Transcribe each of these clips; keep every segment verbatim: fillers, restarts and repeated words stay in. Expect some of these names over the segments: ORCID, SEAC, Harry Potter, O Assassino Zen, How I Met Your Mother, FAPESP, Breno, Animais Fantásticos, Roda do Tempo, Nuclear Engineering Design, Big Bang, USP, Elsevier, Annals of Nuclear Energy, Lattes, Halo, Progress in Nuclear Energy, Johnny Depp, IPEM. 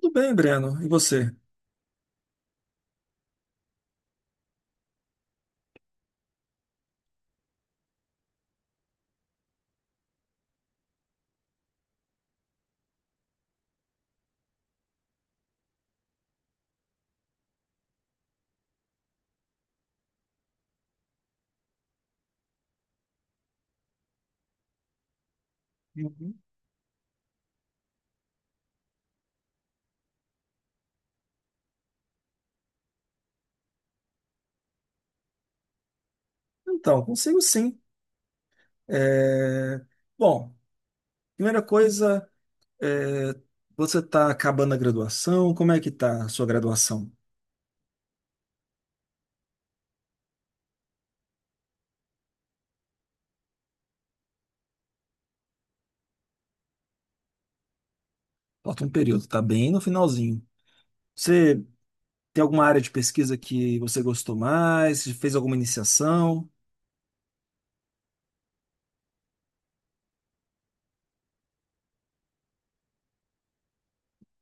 Tudo bem, Breno. E você? Uhum. Então, consigo sim. É, Bom, primeira coisa, é, você está acabando a graduação. Como é que está a sua graduação? Falta um período, está bem no finalzinho. Você tem alguma área de pesquisa que você gostou mais? Você fez alguma iniciação?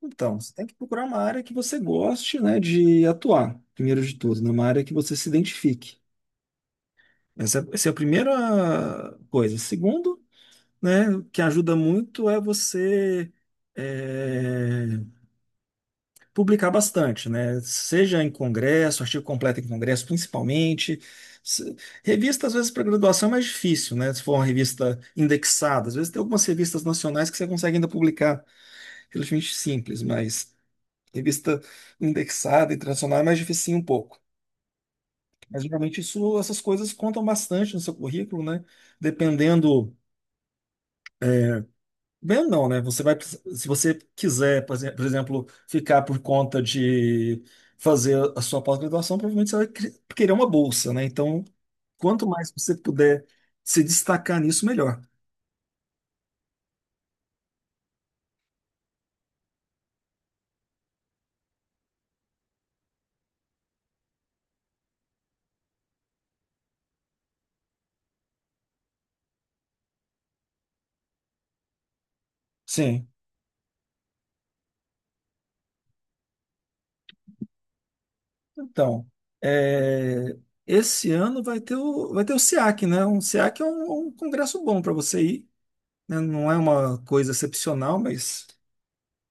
Então, você tem que procurar uma área que você goste, né, de atuar, primeiro de tudo, né, uma área que você se identifique. Essa, essa é a primeira coisa. Segundo, né? O que ajuda muito é você é, publicar bastante, né? Seja em congresso, artigo completo em congresso, principalmente. Se- Revista, às vezes, para graduação é mais difícil, né? Se for uma revista indexada. Às vezes tem algumas revistas nacionais que você consegue ainda publicar relativamente simples, mas revista indexada, internacional, é mais dificinho um pouco. Mas geralmente isso, essas coisas contam bastante no seu currículo, né? Dependendo. Bem, não, né? Você vai, precis- se você quiser, por exe- por exemplo, ficar por conta de fazer a sua pós-graduação, provavelmente você vai cre- querer uma bolsa, né? Então, quanto mais você puder se destacar nisso, melhor. Sim. Então, é, esse ano vai ter o, vai ter o SEAC, né? Um SEAC é um, um congresso bom para você ir, né? Não é uma coisa excepcional, mas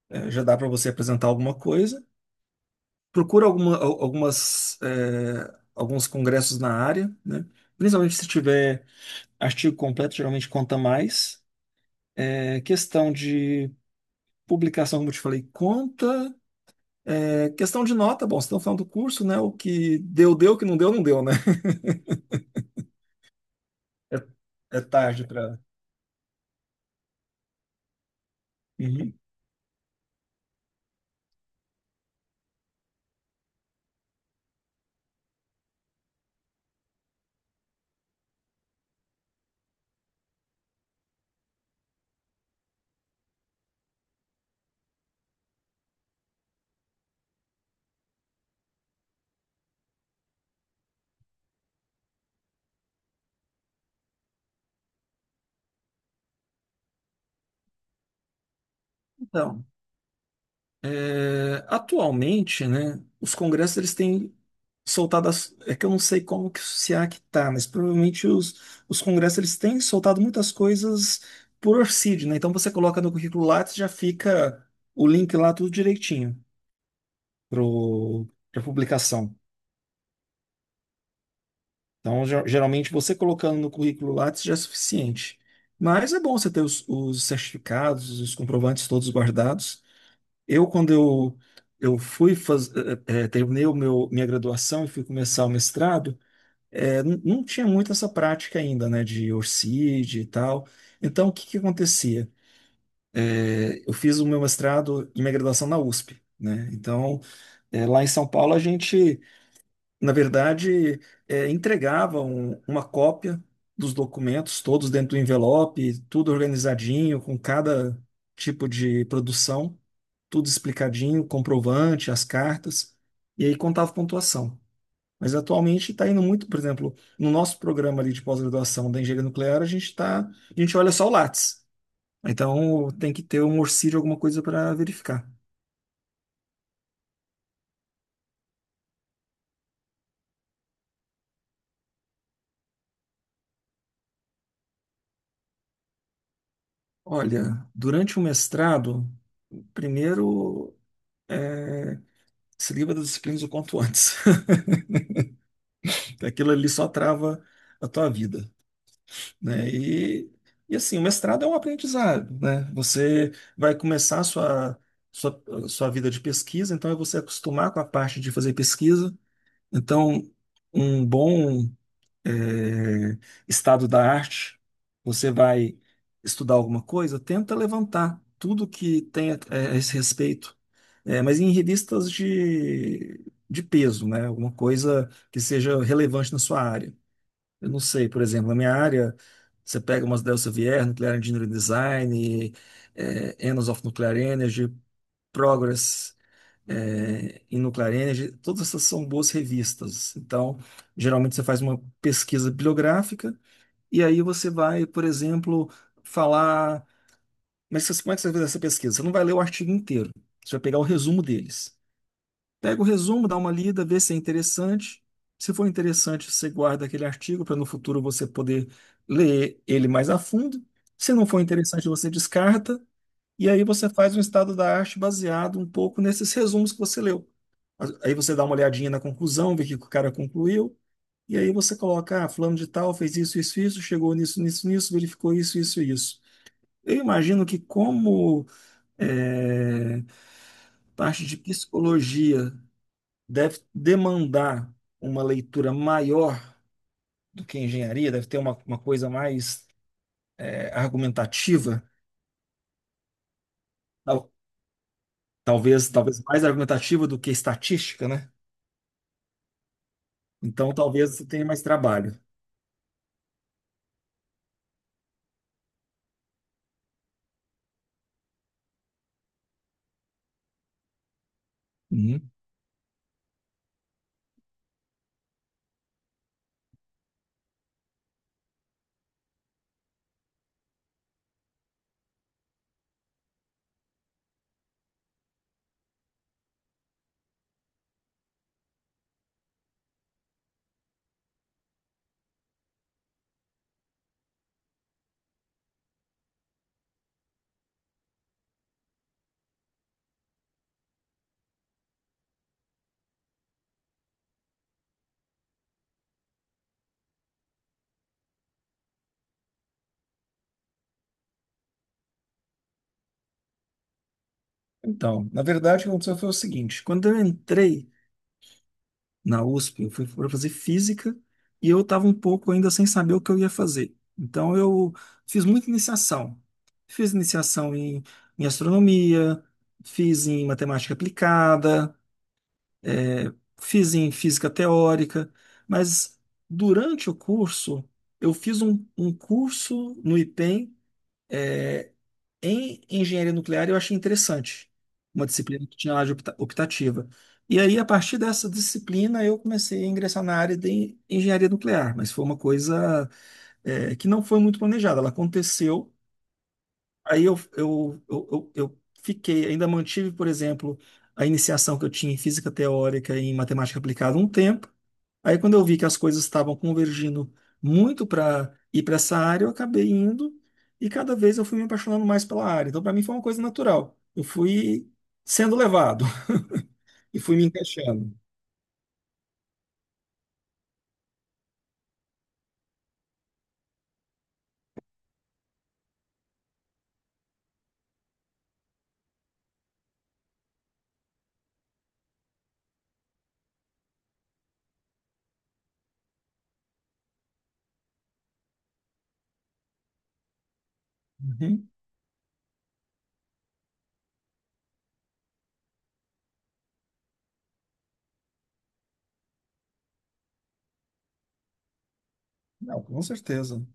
é, já dá para você apresentar alguma coisa. Procura alguma, al- algumas, é, alguns congressos na área, né? Principalmente se tiver artigo completo, geralmente conta mais. É, questão de publicação, como eu te falei, conta. É, questão de nota, bom, vocês estão falando do curso, né? O que deu, deu, o que não deu, não deu, né? É, é tarde para. Então, É, atualmente, né, os congressos eles têm soltado as, é que eu não sei como que o SEAC tá, mas provavelmente os, os congressos eles têm soltado muitas coisas por orcídio, né? Então você coloca no currículo Lattes, já fica o link lá tudo direitinho pro para publicação. Então, ge- geralmente você colocando no currículo Lattes já é suficiente. Mas é bom você ter os, os certificados, os comprovantes todos guardados. Eu, quando eu, eu fui faz, eh, eh, eh, terminei o meu, minha graduação e fui começar o mestrado, eh, n- não tinha muito essa prática ainda, né, de ORCID e tal. Então, o que que acontecia? Eh, eu fiz o meu mestrado e minha graduação na USP, né? Então, eh, lá em São Paulo, a gente, na verdade, eh, entregava um- uma cópia dos documentos, todos dentro do envelope, tudo organizadinho, com cada tipo de produção, tudo explicadinho, comprovante, as cartas, e aí contava pontuação. Mas atualmente está indo muito, por exemplo, no nosso programa ali de pós-graduação da engenharia nuclear, a gente tá, a gente olha só o Lattes. Então tem que ter um orcíleo, alguma coisa para verificar. Olha, durante o mestrado, primeiro é, se livra das disciplinas o quanto antes. Aquilo ali só trava a tua vida, né? E, e assim, o mestrado é um aprendizado, né? Você vai começar a sua, sua, sua vida de pesquisa, então é você acostumar com a parte de fazer pesquisa. Então, um bom eh, estado da arte, você vai estudar alguma coisa, tenta levantar tudo que tem a, é, a esse respeito, eh, mas em revistas de, de peso, né? Alguma coisa que seja relevante na sua área. Eu não sei, por exemplo, na minha área, você pega umas Elsevier, Nuclear Engineering Design, eh, Annals of Nuclear Energy, Progress, eh, in Nuclear Energy, todas essas são boas revistas. Então, geralmente você faz uma pesquisa bibliográfica e aí você vai, por exemplo, falar. Mas você- como é que você vai fazer essa pesquisa? Você não vai ler o artigo inteiro, você vai pegar o resumo deles. Pega o resumo, dá uma lida, vê se é interessante. Se for interessante, você guarda aquele artigo para no futuro você poder ler ele mais a fundo. Se não for interessante, você descarta. E aí você faz um estado da arte baseado um pouco nesses resumos que você leu. Aí você dá uma olhadinha na conclusão, vê o que o cara concluiu. E aí você coloca, ah, fulano de tal fez isso, isso, isso, chegou nisso, nisso, nisso, verificou isso, isso, isso. Eu imagino que, como eh, parte de psicologia, deve demandar uma leitura maior do que engenharia, deve ter uma, uma coisa mais é, argumentativa, tal- talvez, talvez mais argumentativa do que estatística, né? Então, talvez você tenha mais trabalho. Uhum. Então, na verdade, o que aconteceu foi o seguinte: quando eu entrei na USP, eu fui para fazer física e eu estava um pouco ainda sem saber o que eu ia fazer. Então, eu fiz muita iniciação. Fiz iniciação em, em astronomia, fiz em matemática aplicada, É, fiz em física teórica, mas durante o curso, eu fiz um, um curso no IPEM em engenharia nuclear e eu achei interessante, uma disciplina que tinha lá de opta- optativa. E aí, a partir dessa disciplina, eu comecei a ingressar na área de engenharia nuclear, mas foi uma coisa, eh, que não foi muito planejada, ela aconteceu. Aí eu, eu, eu, eu eu fiquei, ainda mantive, por exemplo, a iniciação que eu tinha em física teórica e em matemática aplicada um tempo. Aí, quando eu vi que as coisas estavam convergindo muito para ir para essa área, eu acabei indo e cada vez eu fui me apaixonando mais pela área. Então, para mim, foi uma coisa natural. Eu fui sendo levado e fui me encaixando. Uhum. Não, com certeza.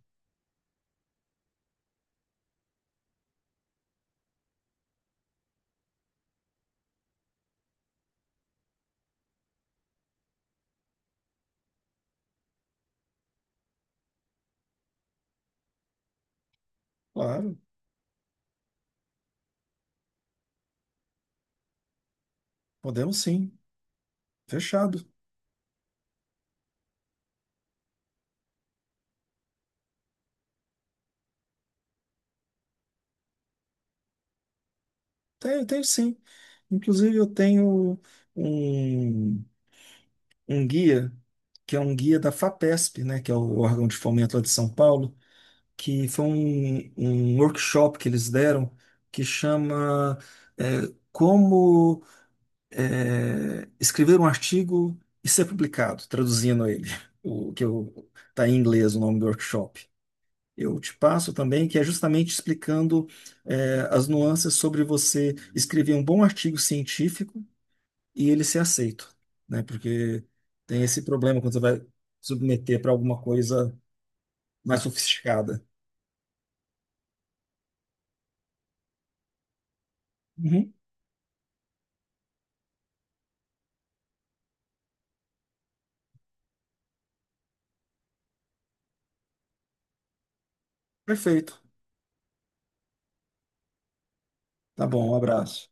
Claro, podemos sim. Fechado. Tenho, tenho sim. Inclusive, eu tenho um. um guia, que é um guia da FAPESP, né, que é o órgão de fomento lá de São Paulo, que foi um, um workshop que eles deram, que chama é, Como é, Escrever um Artigo e Ser Publicado, traduzindo ele, o que eu, tá em inglês o nome do workshop. Eu te passo também, que é justamente explicando é, as nuances sobre você escrever um bom artigo científico e ele ser aceito, né? Porque tem esse problema quando você vai submeter para alguma coisa mais sofisticada. Uhum. Perfeito. Tá bom, um abraço.